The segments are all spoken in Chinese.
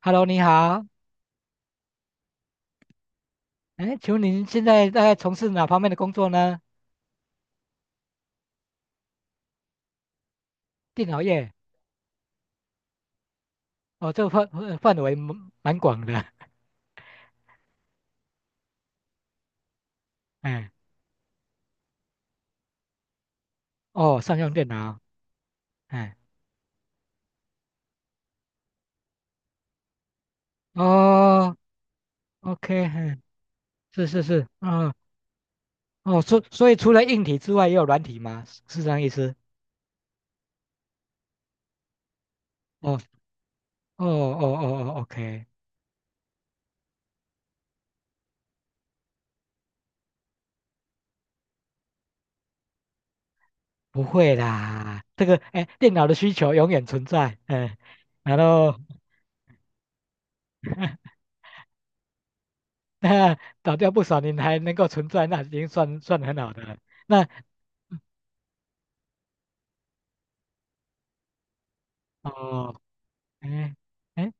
Hello，你好。哎，请问您现在在从事哪方面的工作呢？电脑业。哦，这个范围蛮广的。哎，哦，商用电脑。哎，哦，OK，哎，是是是，嗯，哦，所以除了硬体之外，也有软体吗？是是这样意思？哦，哦哦哦哦，OK，不会啦，这个哎，电脑的需求永远存在。哎，然后 那倒掉不少，您还能够存在，那已经算很好的了。那。哦，哎哎，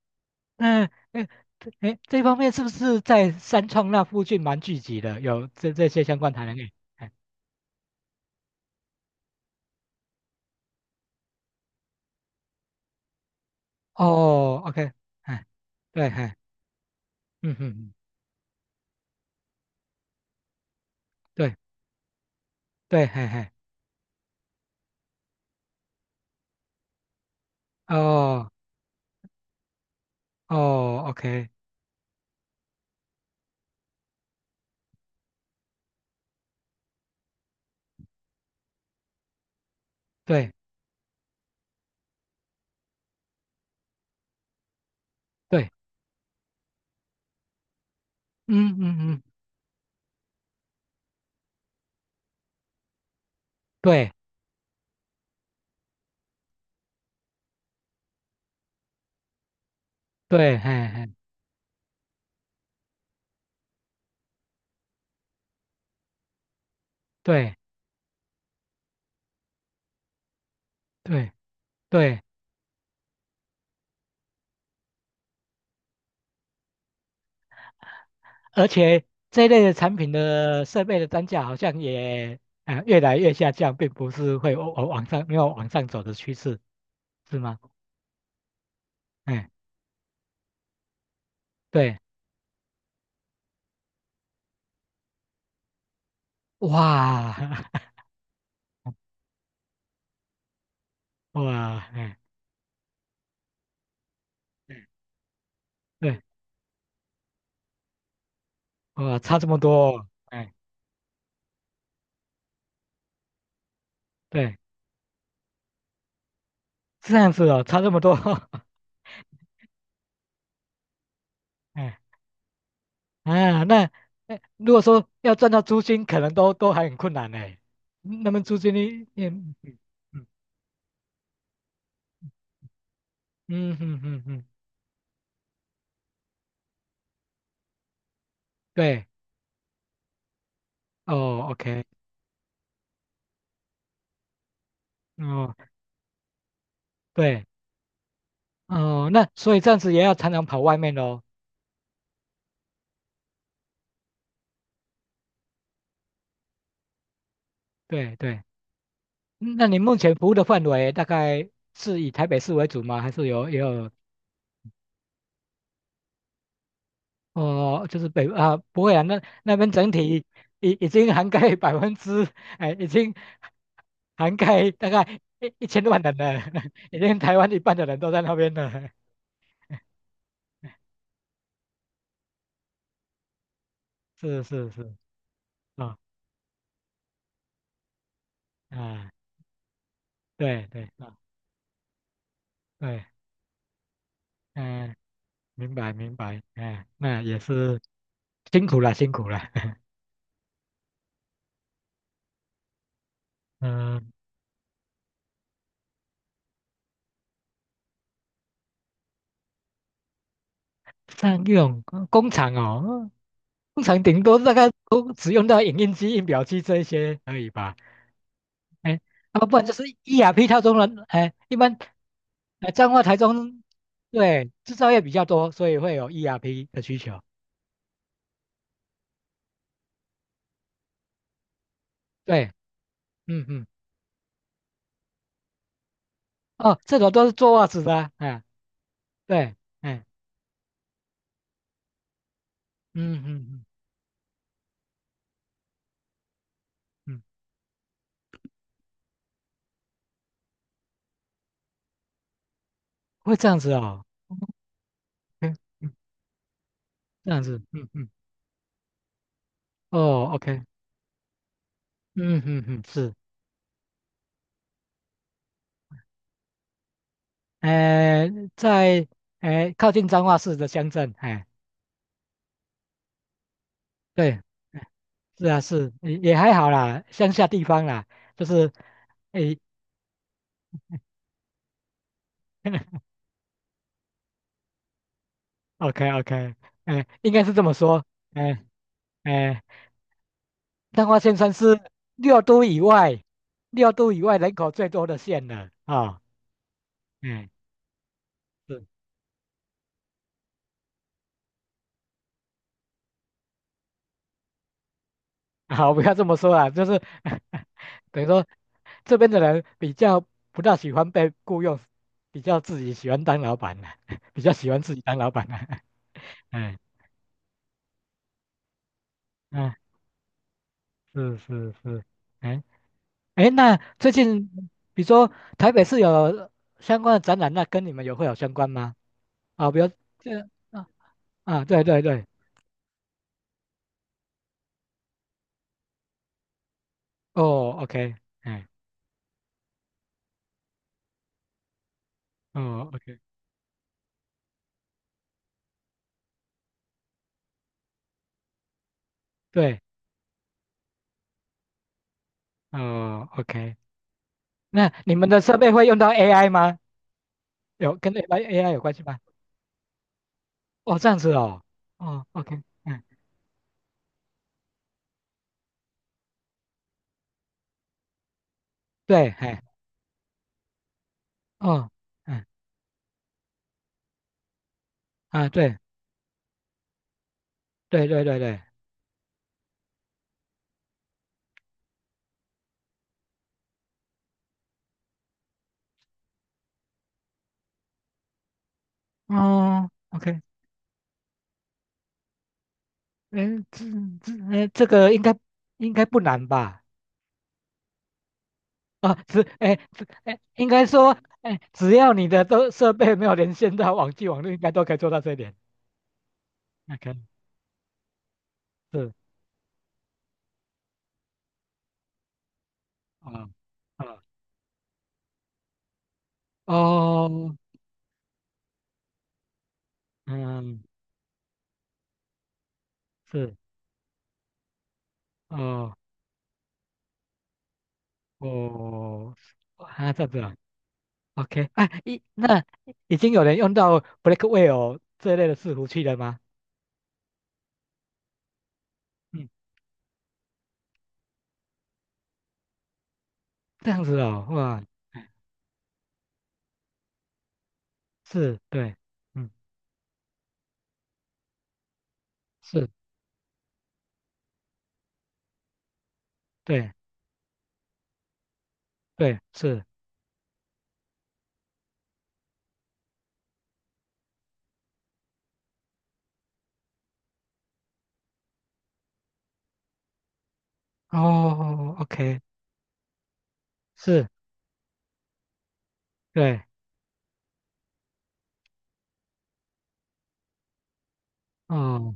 那哎这方面是不是在三创那附近蛮聚集的？有这些相关台能语？哎哦，OK，哎，对，哎，嗯嗯嗯，对对，嘿嘿，哦哦，OK，对对，嗯嗯嗯，对对，嘿嘿，对对对，而且这一类的产品的设备的单价好像也越来越下降，并不是会往往上没有往上走的趋势，是吗？哎，对，哇 哇，哎，对，哇，差这么多哦哎，对，这样子哦，差这么多，哎啊，那哎，如果说要赚到租金，可能都还很困难呢。嗯那么租金呢？也嗯嗯嗯嗯嗯嗯，对，哦，OK，哦，对，哦，那所以这样子也要常常跑外面喽。对对，嗯那你目前服务的范围大概是以台北市为主吗？还是有也有哦，就是北啊，不会啊，那边整体已经涵盖百分之，哎，已经涵盖大概一千万人了，已经台湾一半的人都在那边了。是是是，啊、啊，对对啊，对，嗯、明白明白，哎、那也是辛苦了辛苦了，嗯、像这种工厂哦，工厂顶多大概都只用到影印机、印表机这一些而已吧。哎，那么不然就是 ERP 套中人，哎，一般，哎，彰化、台中，对，制造业比较多，所以会有 ERP 的需求。对，嗯嗯，哦，这种都是做袜子的啊哎，对，哎，嗯嗯嗯嗯，会这样子哦，嗯嗯，这样子，嗯嗯，哦，OK，嗯嗯嗯，是，哎，在哎靠近彰化市的乡镇，哎，对，是啊，是也还好啦，乡下地方啦，就是，哎。OK OK，哎，应该是这么说，哎哎，彰化县算是六都以外，六都以外人口最多的县了啊，嗯，是，好，不要这么说啦，就是 等于说这边的人比较不大喜欢被雇佣，比较自己喜欢当老板的，比较喜欢自己当老板的，嗯嗯，是是是，哎哎，那最近比如说台北市有相关的展览，那跟你们会有相关吗？啊，不要这样啊啊，对对对，哦，OK，哎，哦，OK，对，哦，OK，那你们的设备会用到 AI 吗？有跟 AI 有关系吗？哦，这样子哦，哦，OK，嗯，对，哎，哦，嗯啊，对对对对对，哦，OK，嗯，这，这个应该不难吧？啊，只哎只哎，应该说哎，只要你的都设备没有连线到网际网络，应该都可以做到这一点。OK。是啊啊哦，嗯，是哦哦，啊这样子啊，OK，哎，那已经有人用到 Blackwell 这类的伺服器了吗？嗯，这样子哦，哇，是，对，嗯，是，对，对，是，哦，OK，是，对，哦，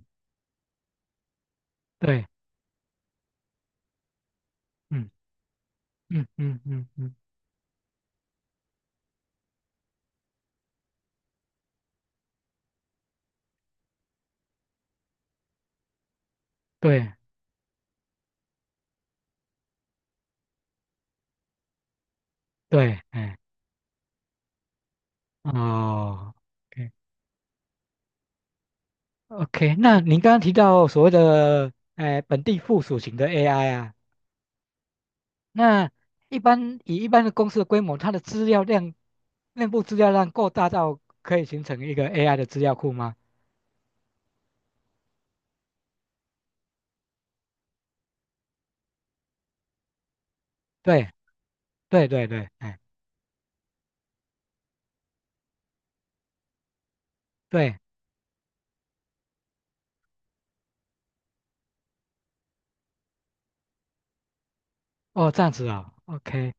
对，嗯嗯嗯嗯嗯，对对，哎，哦。OK，那您刚刚提到所谓的本地附属型的 AI 啊，那一般的公司的规模，它的资料量，内部资料量够大到可以形成一个 AI 的资料库吗？对，对对对，哎，对，哦，这样子啊 o k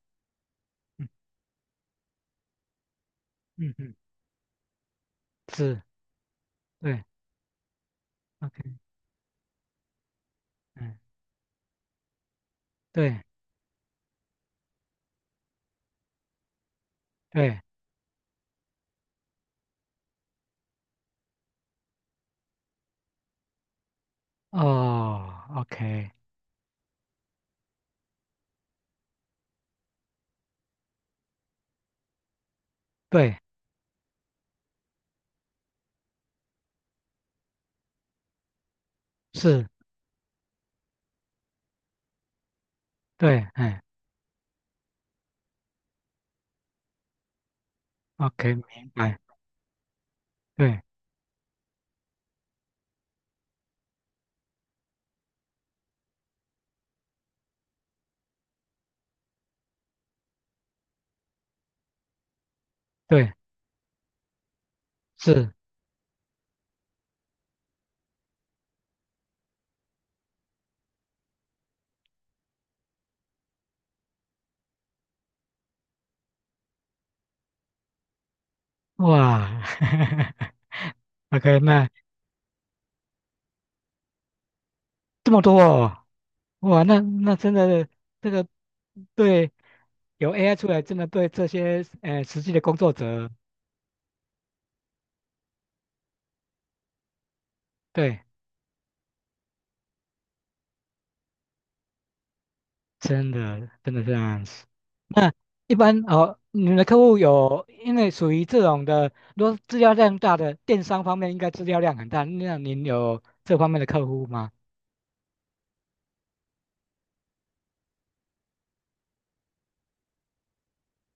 嗯嗯嗯，是，对，OK，嗯，对对，哦，OK，对，是，对，哎，OK，明白，对对，是，哇 ，OK，那。这么多哦，哇，那真的这个对有 AI 出来，真的对这些实际的工作者，对，真的真的这样子。那一般哦，你们的客户有因为属于这种的，如果资料量大的电商方面，应该资料量很大，那您有这方面的客户吗？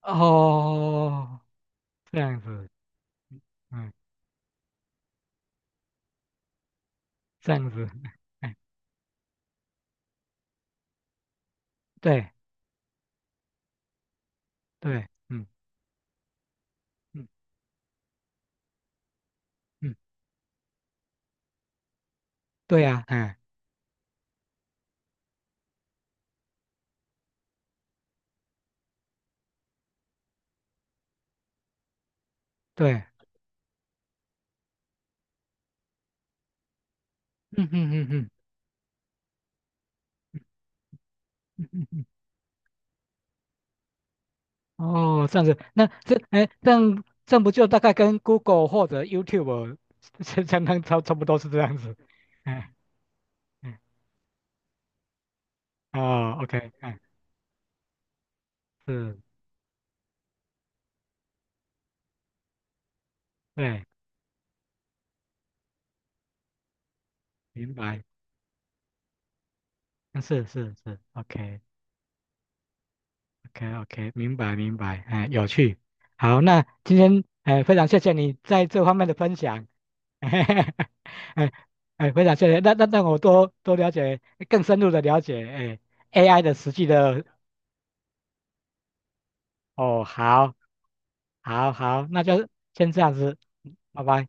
哦，这样子，嗯，这样子，哎，对对，嗯嗯嗯，对呀、哎，对，嗯嗯嗯嗯。哦，这样子，那这哎，这样不就大概跟 Google 或者 YouTube 相当差不多是这样子？哎哎哦，OK，哎是，对，明白，嗯是是是，OK OK OK，明白明白，哎，有趣。好，那今天哎非常谢谢你在这方面的分享，哎哎哎非常谢谢，那我多多了解更深入的了解哎 AI 的实际的哦好。好好，那就先这样子，拜拜。